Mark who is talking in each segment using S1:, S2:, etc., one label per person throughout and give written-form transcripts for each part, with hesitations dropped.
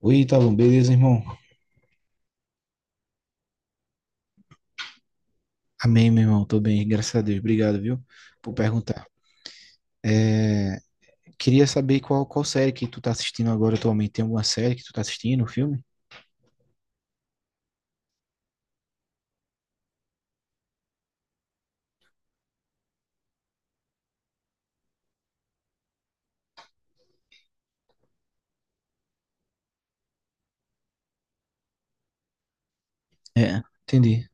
S1: Oi, Ítalo, beleza, irmão? Amém, meu irmão, tô bem, graças a Deus, obrigado, viu, por perguntar. É, queria saber qual série que tu tá assistindo agora atualmente, tem alguma série que tu tá assistindo, um filme? É, entendi.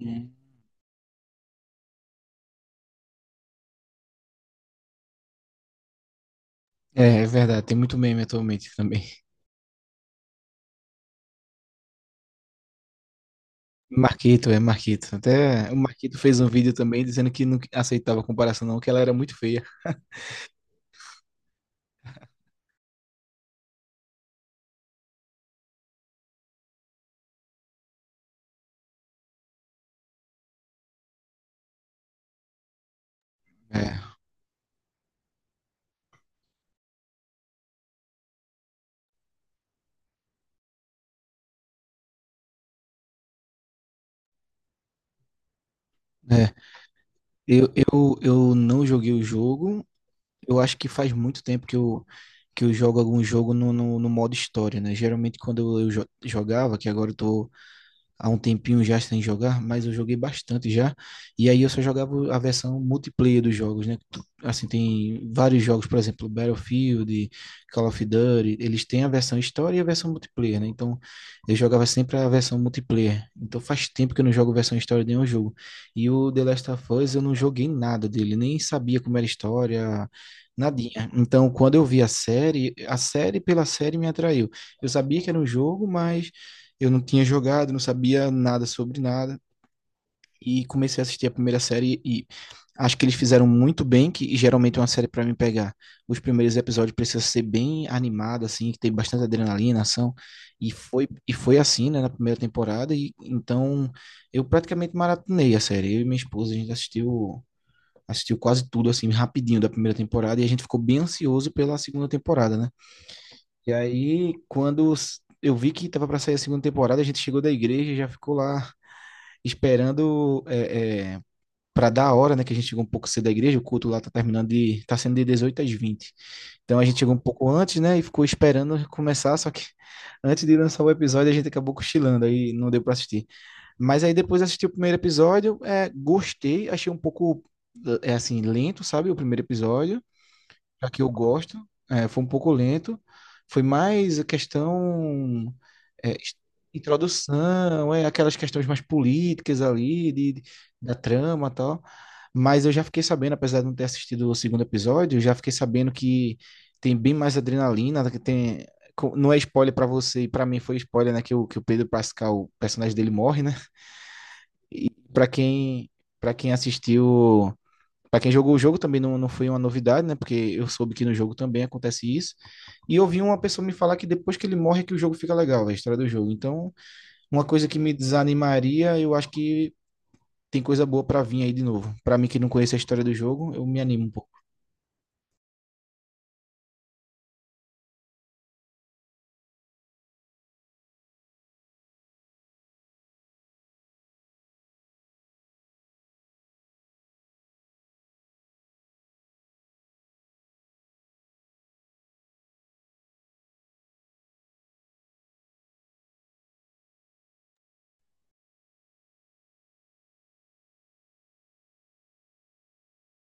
S1: Hum. É verdade, tem muito meme atualmente também. Marquito, é Marquito, até o Marquito fez um vídeo também dizendo que não aceitava a comparação não, que ela era muito feia. É, é. Eu não joguei o jogo. Eu acho que faz muito tempo que eu jogo algum jogo no modo história, né? Geralmente quando eu jogava, que agora eu tô há um tempinho já sem jogar, mas eu joguei bastante já. E aí eu só jogava a versão multiplayer dos jogos, né? Assim, tem vários jogos, por exemplo, Battlefield, Call of Duty, eles têm a versão história e a versão multiplayer, né? Então eu jogava sempre a versão multiplayer. Então faz tempo que eu não jogo versão história de nenhum jogo. E o The Last of Us eu não joguei nada dele, nem sabia como era a história. Nadinha. Então, quando eu vi a série pela série me atraiu. Eu sabia que era um jogo, mas eu não tinha jogado, não sabia nada sobre nada. E comecei a assistir a primeira série e acho que eles fizeram muito bem, que geralmente é uma série pra me pegar. Os primeiros episódios precisam ser bem animada assim, que tem bastante adrenalina, ação. E foi assim, né, na primeira temporada. E então eu praticamente maratonei a série. Eu e minha esposa, a gente assistiu, assistiu quase tudo, assim, rapidinho da primeira temporada. E a gente ficou bem ansioso pela segunda temporada, né? E aí, quando eu vi que tava para sair a segunda temporada, a gente chegou da igreja e já ficou lá esperando para dar a hora, né? Que a gente chegou um pouco cedo da igreja, o culto lá tá terminando de, tá sendo de 18 às vinte. Então a gente chegou um pouco antes, né? E ficou esperando começar, só que antes de lançar o episódio a gente acabou cochilando, aí não deu para assistir. Mas aí depois assisti o primeiro episódio, é, gostei, achei um pouco assim, lento, sabe? O primeiro episódio já que eu gosto, é, foi um pouco lento, foi mais a questão é, es- introdução, é, aquelas questões mais políticas ali, da trama e tal, mas eu já fiquei sabendo, apesar de não ter assistido o segundo episódio, eu já fiquei sabendo que tem bem mais adrenalina, que tem. Não é spoiler pra você, e pra mim foi spoiler, né, que o Pedro Pascal, o personagem dele morre, né? E para quem assistiu para quem jogou o jogo também não, não foi uma novidade, né? Porque eu soube que no jogo também acontece isso. E eu vi uma pessoa me falar que depois que ele morre é que o jogo fica legal, né? A história do jogo. Então, uma coisa que me desanimaria, eu acho que tem coisa boa para vir aí de novo. Para mim que não conhece a história do jogo, eu me animo um pouco.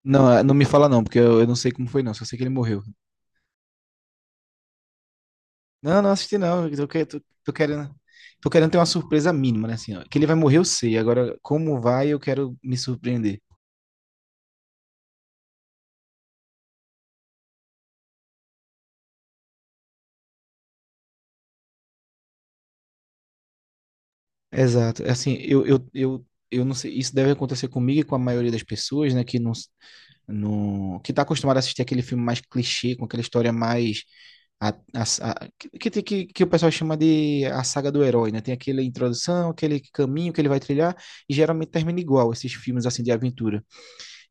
S1: Não, não me fala não, porque eu não sei como foi não, só sei que ele morreu. Não, não assisti não, eu tô querendo. Tô querendo ter uma surpresa mínima, né? Assim, ó, que ele vai morrer, eu sei. Agora, como vai, eu quero me surpreender. Exato. Assim, eu não sei, isso deve acontecer comigo e com a maioria das pessoas, né, que não, não que tá acostumado a assistir aquele filme mais clichê, com aquela história mais que o pessoal chama de a saga do herói, né? Tem aquela introdução, aquele caminho que ele vai trilhar e geralmente termina igual esses filmes assim de aventura.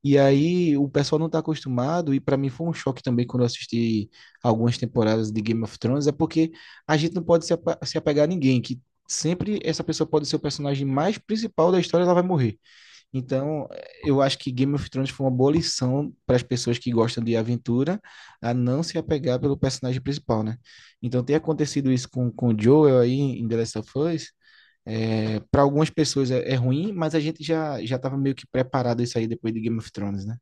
S1: E aí o pessoal não tá acostumado, e para mim foi um choque também quando eu assisti algumas temporadas de Game of Thrones, é porque a gente não pode se apegar a ninguém, que sempre essa pessoa pode ser o personagem mais principal da história, ela vai morrer. Então, eh, eu acho que Game of Thrones foi uma boa lição para as pessoas que gostam de aventura a não se apegar pelo personagem principal, né? Então, tem acontecido isso com o Joel aí em The Last of Us. É, para algumas pessoas é, é ruim, mas a gente já estava meio que preparado isso aí depois de Game of Thrones, né?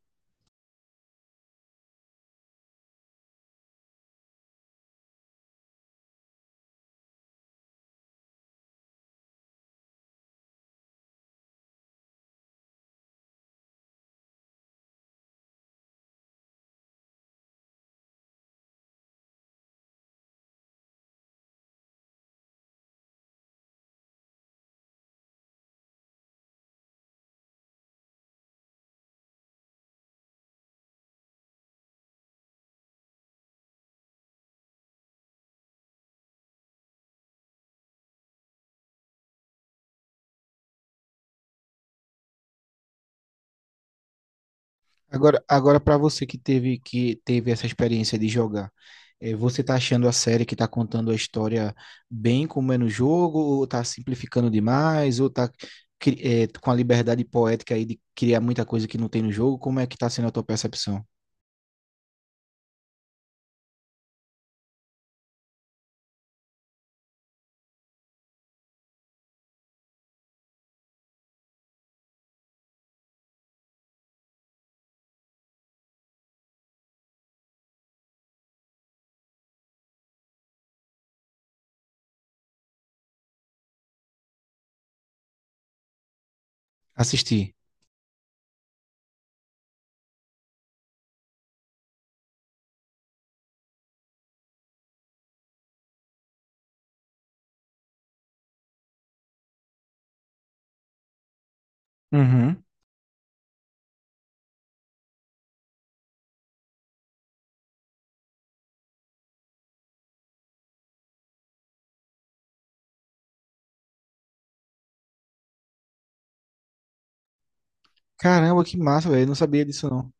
S1: Agora, agora para você que teve essa experiência de jogar, eh, você tá achando a série que tá contando a história bem como é no jogo, ou tá simplificando demais, ou tá com a liberdade poética aí de criar muita coisa que não tem no jogo? Como é que tá sendo a tua percepção? Assistir. Uhum. Caramba, que massa, velho. Eu não sabia disso, não.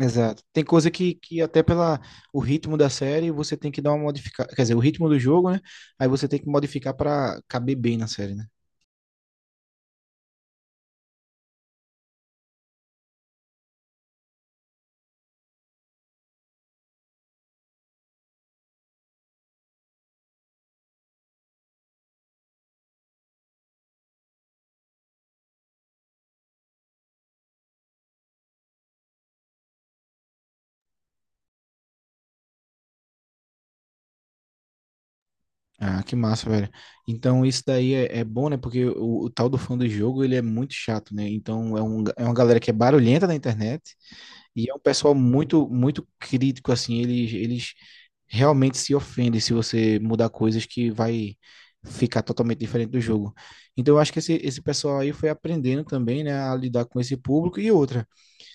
S1: Exato. Tem coisa que até pela o ritmo da série você tem que dar uma modificada. Quer dizer, o ritmo do jogo, né? Aí você tem que modificar para caber bem na série, né? Ah, que massa, velho. Então isso daí é bom, né? Porque o tal do fã do jogo, ele é muito chato, né? Então é uma galera que é barulhenta na internet e é um pessoal muito, muito crítico, assim. Eles realmente se ofendem se você mudar coisas que vai ficar totalmente diferente do jogo. Então eu acho que esse, pessoal aí foi aprendendo também, né? A lidar com esse público e outra.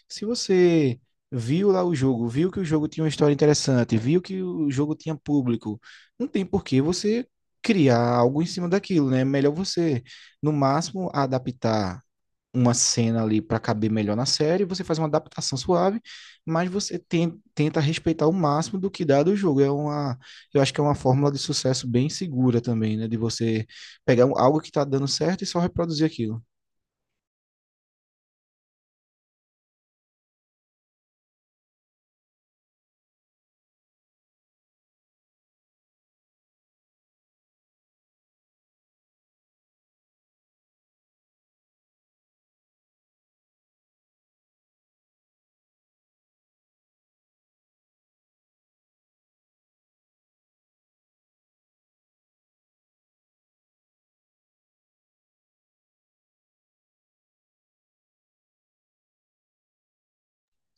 S1: Se você viu lá o jogo, viu que o jogo tinha uma história interessante, viu que o jogo tinha público, não tem por que você criar algo em cima daquilo, né? É melhor você, no máximo, adaptar uma cena ali para caber melhor na série, você faz uma adaptação suave, mas você tenta respeitar o máximo do que dá do jogo. É uma, eu acho que é uma fórmula de sucesso bem segura também, né? De você pegar algo que tá dando certo e só reproduzir aquilo.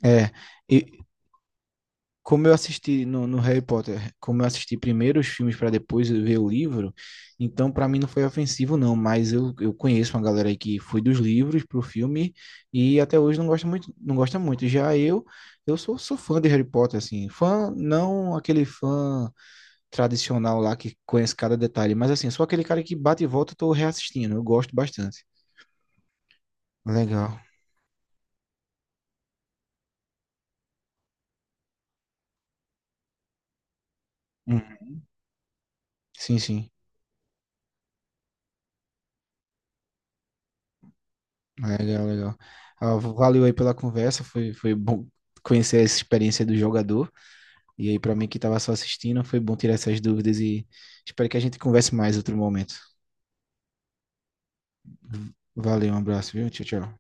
S1: É, e como eu assisti no, no Harry Potter, como eu assisti primeiro os filmes para depois eu ver o livro, então para mim não foi ofensivo não, mas eu conheço uma galera aí que foi dos livros pro filme e até hoje não gosta muito, não gosta muito. Já eu sou fã de Harry Potter assim, fã não aquele fã tradicional lá que conhece cada detalhe, mas assim, sou aquele cara que bate e volta, eu tô reassistindo, eu gosto bastante. Legal. Uhum. Sim, sim. Legal, legal. Ah, valeu aí pela conversa, foi bom conhecer essa experiência do jogador. E aí, para mim que estava só assistindo, foi bom tirar essas dúvidas e espero que a gente converse mais outro momento. Valeu, um abraço, viu? Tchau, tchau.